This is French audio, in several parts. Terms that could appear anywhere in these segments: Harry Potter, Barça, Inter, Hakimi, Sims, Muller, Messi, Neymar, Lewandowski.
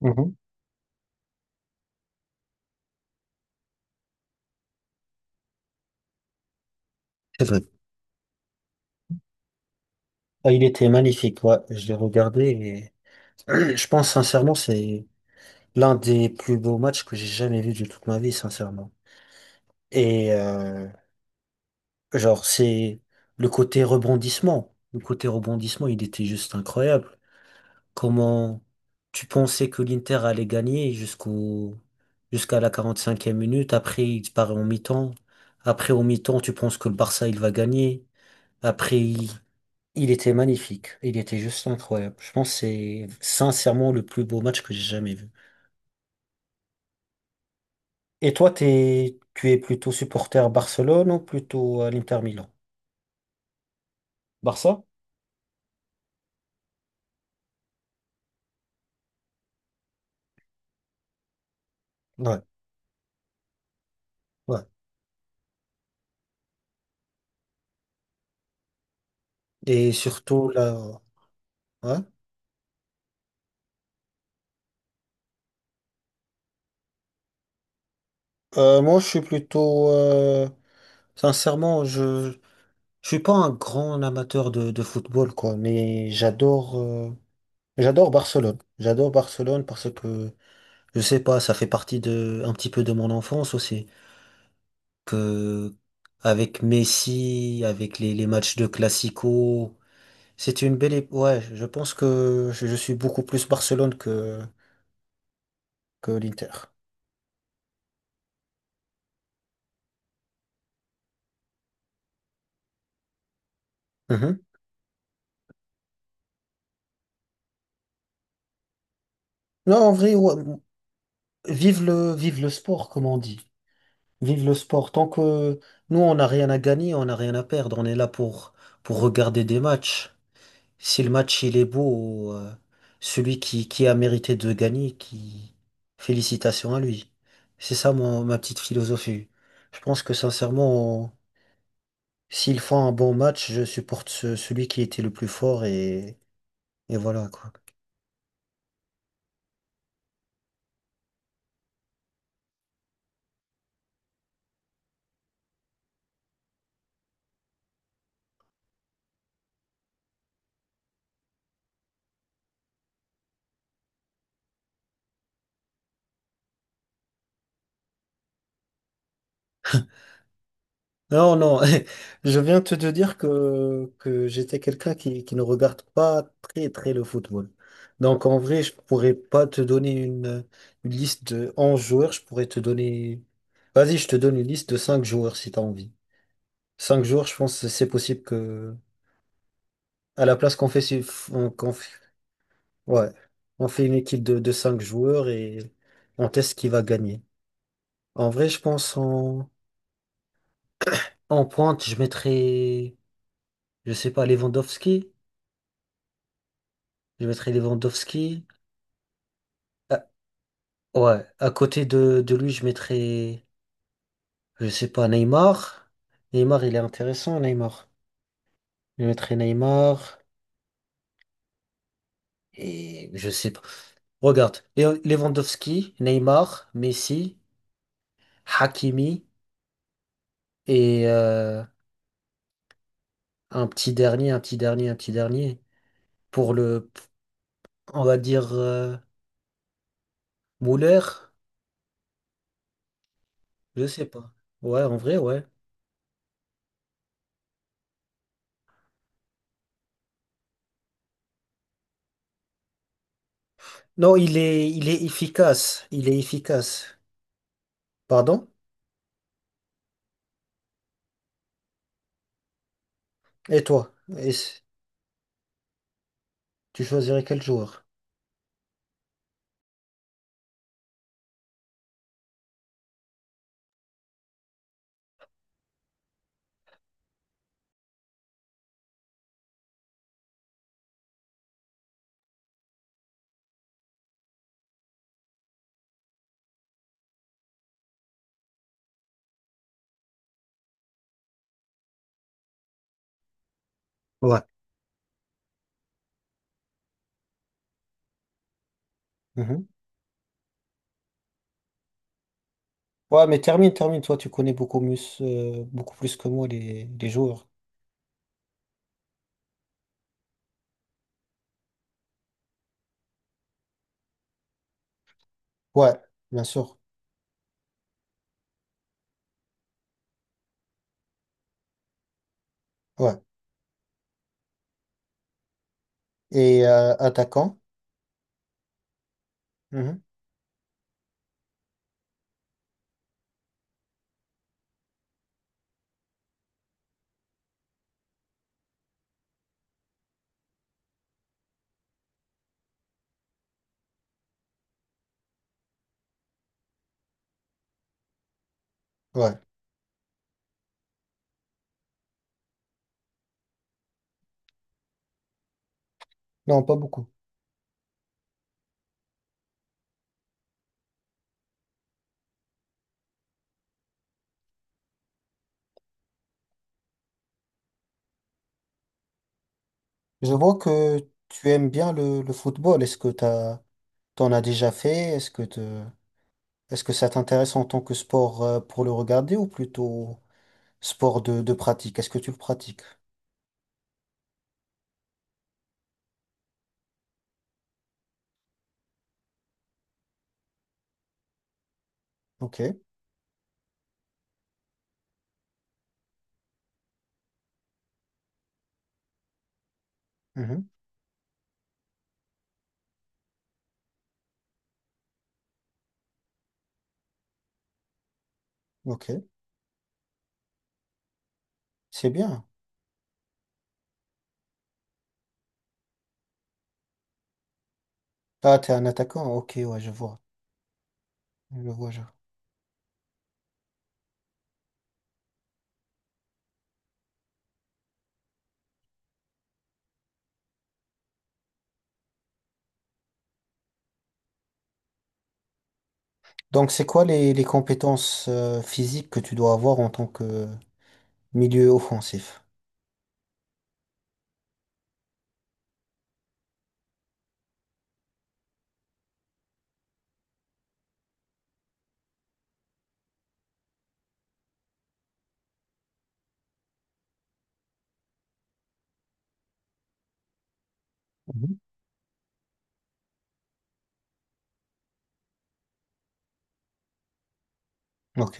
Mhm. C'est vrai. Ah, il était magnifique, ouais, je l'ai regardé et je pense sincèrement c'est l'un des plus beaux matchs que j'ai jamais vu de toute ma vie, sincèrement. Et euh, genre c'est le côté rebondissement. Le côté rebondissement, il était juste incroyable. Comment tu pensais que l'Inter allait gagner jusqu'à la 45e minute, après il disparaît en mi-temps. Après au mi-temps, tu penses que le Barça il va gagner. Après, il... Il était magnifique. Il était juste incroyable. Je pense que c'est sincèrement le plus beau match que j'ai jamais vu. Et toi, tu es plutôt supporter Barcelone ou plutôt à l'Inter Milan? Barça? Ouais, ouais. Et surtout là, ouais. Moi, je suis plutôt, sincèrement, je suis pas un grand amateur de football, quoi, mais j'adore, j'adore Barcelone. J'adore Barcelone parce que, je sais pas, ça fait partie de, un petit peu de mon enfance aussi. Que avec Messi, avec les matchs de Classico, c'est une belle... Ouais, je pense que je suis beaucoup plus Barcelone que l'Inter. Mhm. Non, en vrai, ouais, vive le sport, comme on dit. Vive le sport. Tant que nous, on n'a rien à gagner, on n'a rien à perdre. On est là pour regarder des matchs. Si le match il est beau, celui qui a mérité de gagner, qui félicitations à lui. C'est ça mon, ma petite philosophie. Je pense que sincèrement, s'ils font un bon match, je supporte celui qui était le plus fort et voilà quoi. Non, non, je viens de te dire que j'étais quelqu'un qui ne regarde pas très très le football. Donc en vrai, je pourrais pas te donner une liste de 11 joueurs, je pourrais te donner... Vas-y, je te donne une liste de 5 joueurs si tu as envie. 5 joueurs, je pense que c'est possible que... À la place qu'on fait... On, ouais, on fait une équipe de 5 joueurs et on teste qui va gagner. En vrai, je pense en pointe, je mettrais, je sais pas, Lewandowski. Je mettrais Lewandowski. Ah, ouais, à côté de lui, je mettrais, je sais pas, Neymar. Neymar, il est intéressant, Neymar. Je mettrais Neymar. Et je sais pas. Regarde, Lewandowski, Neymar, Messi, Hakimi et euh, un petit dernier. Pour le, on va dire, Muller, je sais pas. Ouais, en vrai, ouais. Non, il est efficace. Il est efficace. Pardon? Et toi, et c- tu choisirais quel joueur? Ouais. Mhm. Ouais, mais termine, termine, toi, tu connais beaucoup mieux, beaucoup plus que moi les joueurs. Ouais, bien sûr. Ouais. Attaquant? Mhm. Ouais. Non, pas beaucoup. Je vois que tu aimes bien le football. Est-ce que t'as, t'en as déjà fait? Est-ce que te, est-ce que ça t'intéresse en tant que sport pour le regarder ou plutôt sport de pratique? Est-ce que tu le pratiques? Ok. Mhm. Ok. C'est bien. Ah, t'es un attaquant. Ok, ouais, je vois. Je vois, je vois. Donc, c'est quoi les compétences physiques que tu dois avoir en tant que milieu offensif? Mhm. Ok,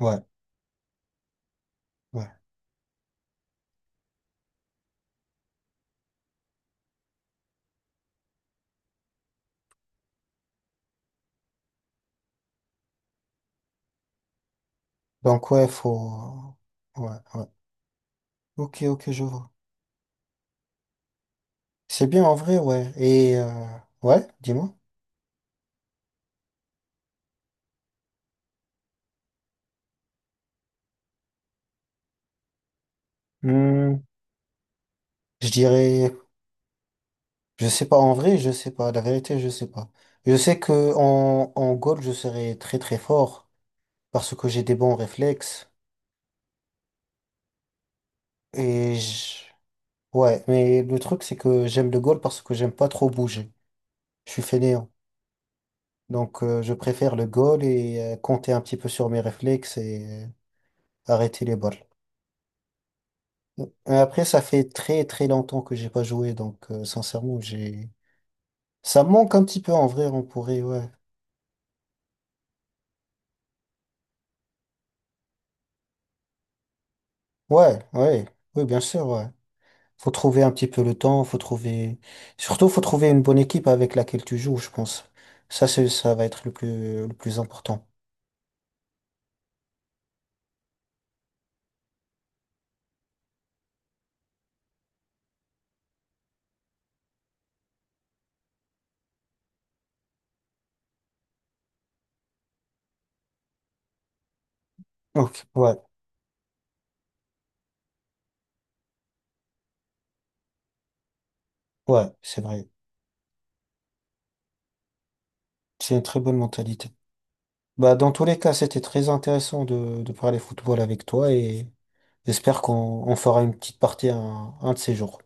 ouais, ouais. Donc, ouais, faut. Ouais, ouais. Ok, ok, je vois. C'est bien en vrai, ouais. Et, ouais, dis-moi. Hmm, je dirais, je sais pas en vrai, je sais pas. La vérité, je sais pas. Je sais que en goal, je serais très très fort parce que j'ai des bons réflexes. Et je... ouais, mais le truc, c'est que j'aime le goal parce que j'aime pas trop bouger. Je suis fainéant. Donc, je préfère le goal compter un petit peu sur mes réflexes arrêter les balles. Et après, ça fait très très longtemps que j'ai pas joué, donc sincèrement, j'ai ça me manque un petit peu en vrai. On pourrait, ouais, ouais, ouais, oui, bien sûr, ouais. Faut trouver un petit peu le temps, faut trouver, surtout faut trouver une bonne équipe avec laquelle tu joues, je pense. Ça, c'est, ça va être le plus important. Ok, ouais, ouais, c'est vrai. C'est une très bonne mentalité. Bah, dans tous les cas, c'était très intéressant de parler football avec toi et j'espère qu'on on fera une petite partie un de ces jours.